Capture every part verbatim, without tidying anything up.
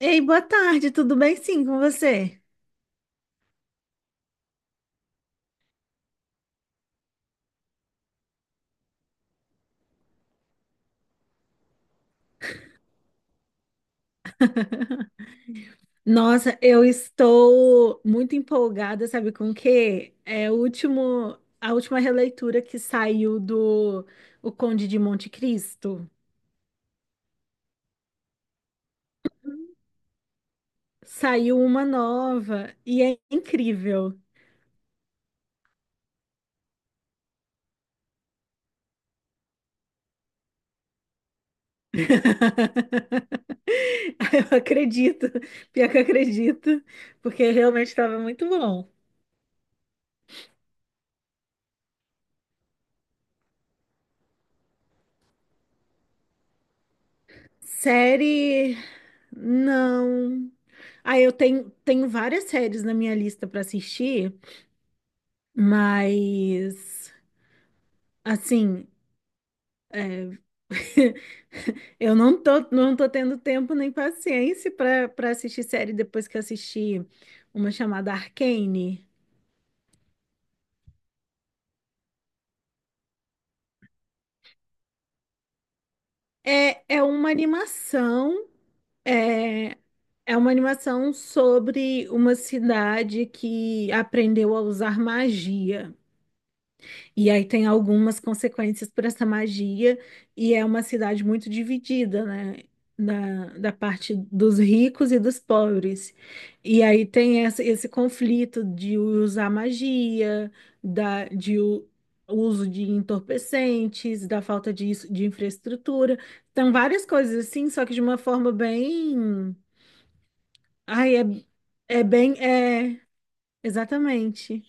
Ei, boa tarde, tudo bem sim com você? Nossa, eu estou muito empolgada, sabe com o quê? É o último, a última releitura que saiu do O Conde de Monte Cristo. Saiu uma nova e é incrível. Eu acredito, pior que eu acredito, porque realmente estava muito bom. Série, não. Ah, eu tenho, tenho várias séries na minha lista para assistir. Mas, assim, eu não tô, não tô tendo tempo nem paciência para para assistir série depois que assisti uma chamada Arcane. É, é uma animação, é, é uma animação sobre uma cidade que aprendeu a usar magia. E aí tem algumas consequências para essa magia, e é uma cidade muito dividida, né? Da, da parte dos ricos e dos pobres. E aí tem essa, esse conflito de usar magia, da, de u- uso de entorpecentes, da falta de, is- de infraestrutura. Então, várias coisas assim, só que de uma forma bem. Ai, é, é bem. É, exatamente.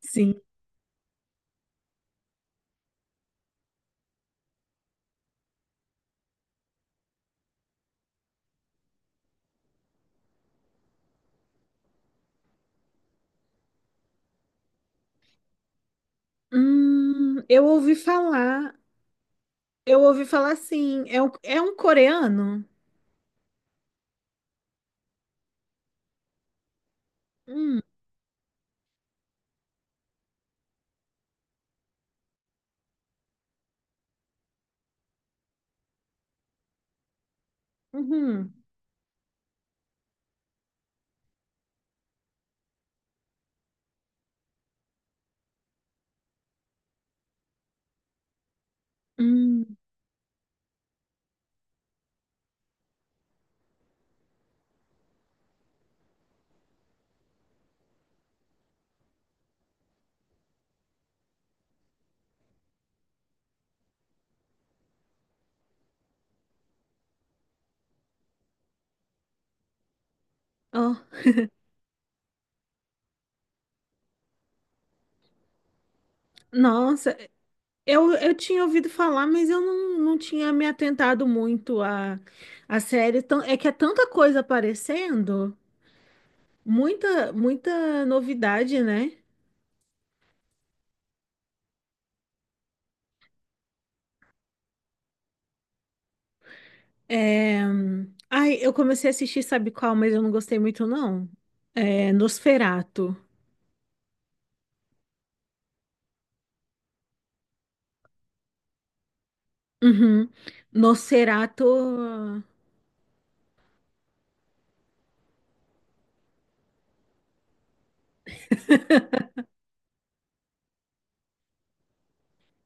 Sim. Hum, eu ouvi falar. Eu ouvi falar assim, é um, é um coreano? Hum, uhum, hum, ó. Nossa, eu, eu tinha ouvido falar, mas eu não, não tinha me atentado muito à, à série. Tão- É que é tanta coisa aparecendo, muita, muita novidade, né? É... Ai, eu comecei a assistir, sabe qual, mas eu não gostei muito, não. É Nosferatu. Uhum. Nosferatu,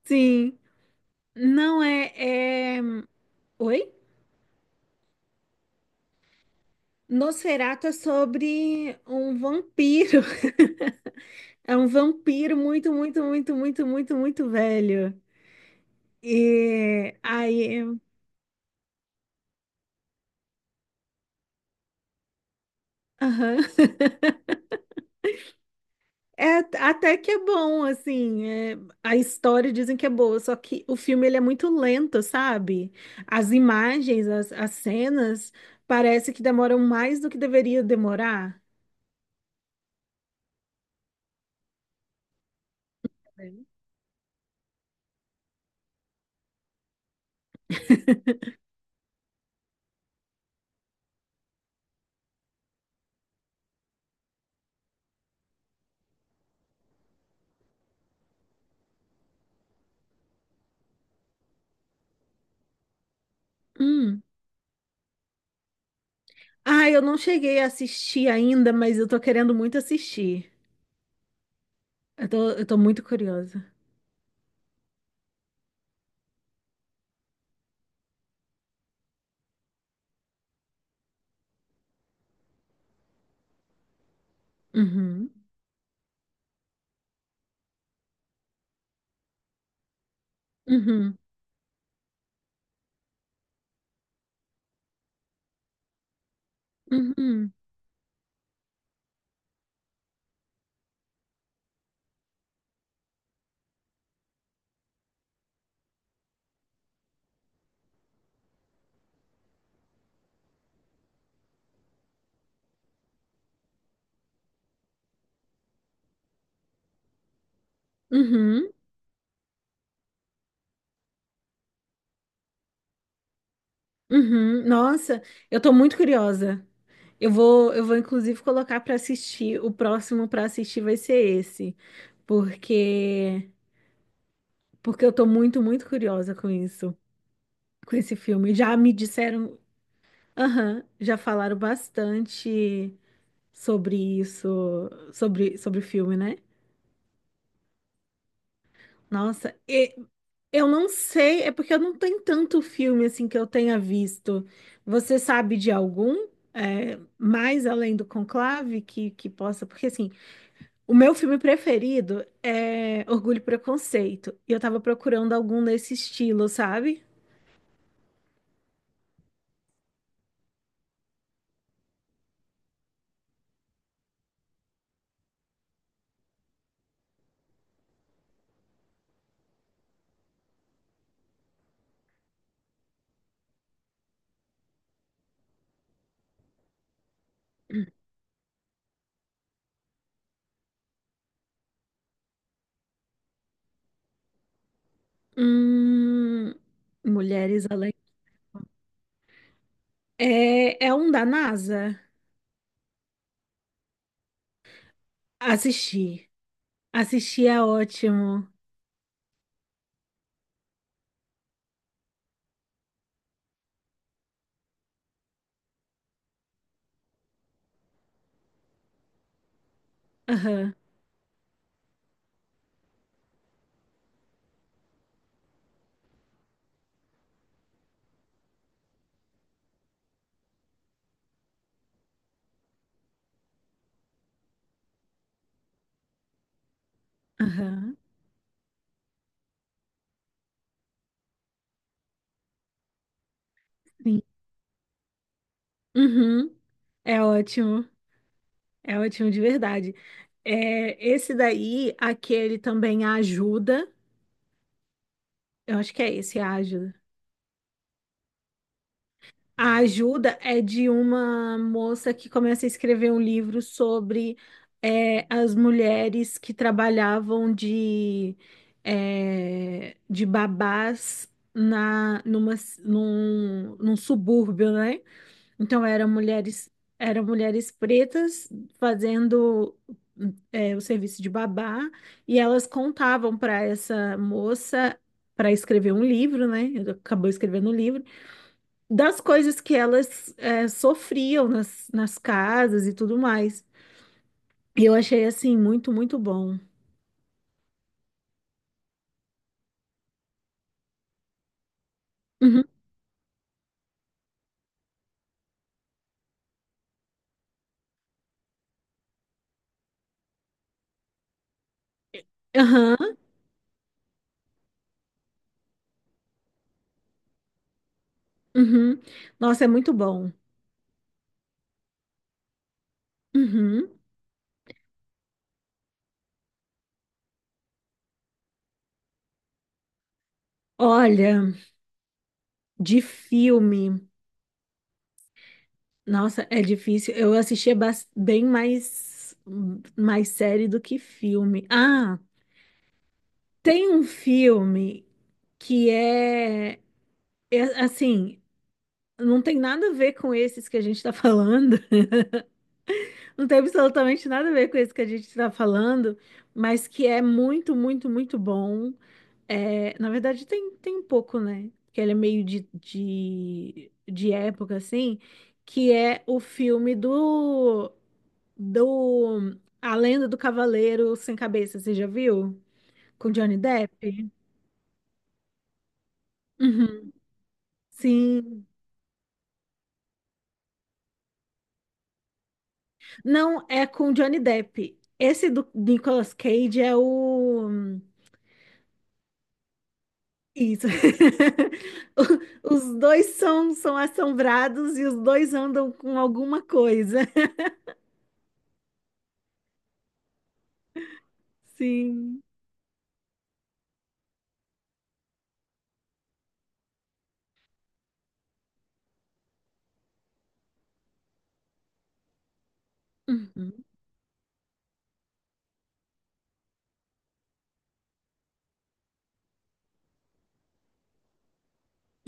sim. Não é, é... Oi? Nosferatu é sobre um vampiro. É um vampiro muito, muito, muito, muito, muito, muito velho. E aí, aham. É, até que é bom, assim, é, a história dizem que é boa, só que o filme ele é muito lento, sabe? As imagens, as, as cenas, parece que demoram mais do que deveria demorar. É. Hum. Ah, eu não cheguei a assistir ainda, mas eu tô querendo muito assistir. Eu tô, eu tô muito curiosa. Uhum, uhum, uhum, uhum, uhum. Nossa, eu tô muito curiosa. Eu vou, eu vou inclusive colocar pra assistir. O próximo pra assistir vai ser esse, porque porque eu tô muito, muito curiosa com isso, com esse filme. Já me disseram, aham, já falaram bastante sobre isso, sobre sobre o filme, né? Nossa, e- eu não sei, é porque eu não tenho tanto filme assim que eu tenha visto. Você sabe de algum, é, mais além do Conclave que, que possa? Porque assim, o meu filme preferido é Orgulho e Preconceito. E eu tava procurando algum nesse estilo, sabe? Hum, Mulheres Além. É, é um da NASA? Assisti. Assisti é ótimo. Aham, aham, sim. Uhum, é ótimo. É ótimo de verdade. É, esse daí, aquele também a ajuda. Eu acho que é esse, é a ajuda. A ajuda é de uma moça que começa a escrever um livro sobre é, as mulheres que trabalhavam de, é, de babás na, numa, num, num subúrbio, né? Então eram mulheres, eram mulheres pretas fazendo é, o serviço de babá e elas contavam para essa moça para escrever um livro, né? Acabou escrevendo um livro das coisas que elas é, sofriam nas, nas casas e tudo mais. E eu achei assim muito, muito bom. Uhum. Aham, uhum. Nossa, é muito bom. Uhum. Olha, de filme. Nossa, é difícil. Eu assistia bas- bem mais, mais série do que filme. Ah, tem um filme que é, é assim, não tem nada a ver com esses que a gente tá falando. Não tem absolutamente nada a ver com esse que a gente tá falando, mas que é muito, muito, muito bom. É, na verdade, tem, tem um pouco, né? Que ele é meio de, de, de época, assim, que é o filme do do A Lenda do Cavaleiro Sem Cabeça, você já viu? Com Johnny Depp? Uhum, sim. Não, é com Johnny Depp. Esse do Nicolas Cage é o. Isso. O- Os dois são, são assombrados e os dois andam com alguma coisa. Sim. Uhum.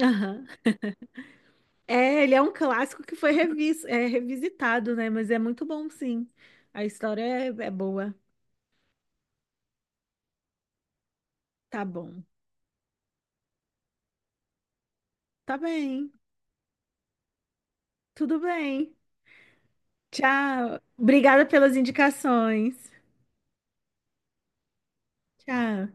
Aham. É, ele é um clássico que foi revis, é, revisitado, né? Mas é muito bom, sim. A história é, é boa. Tá bom. Tá bem. Tudo bem. Tchau. Obrigada pelas indicações. Tchau.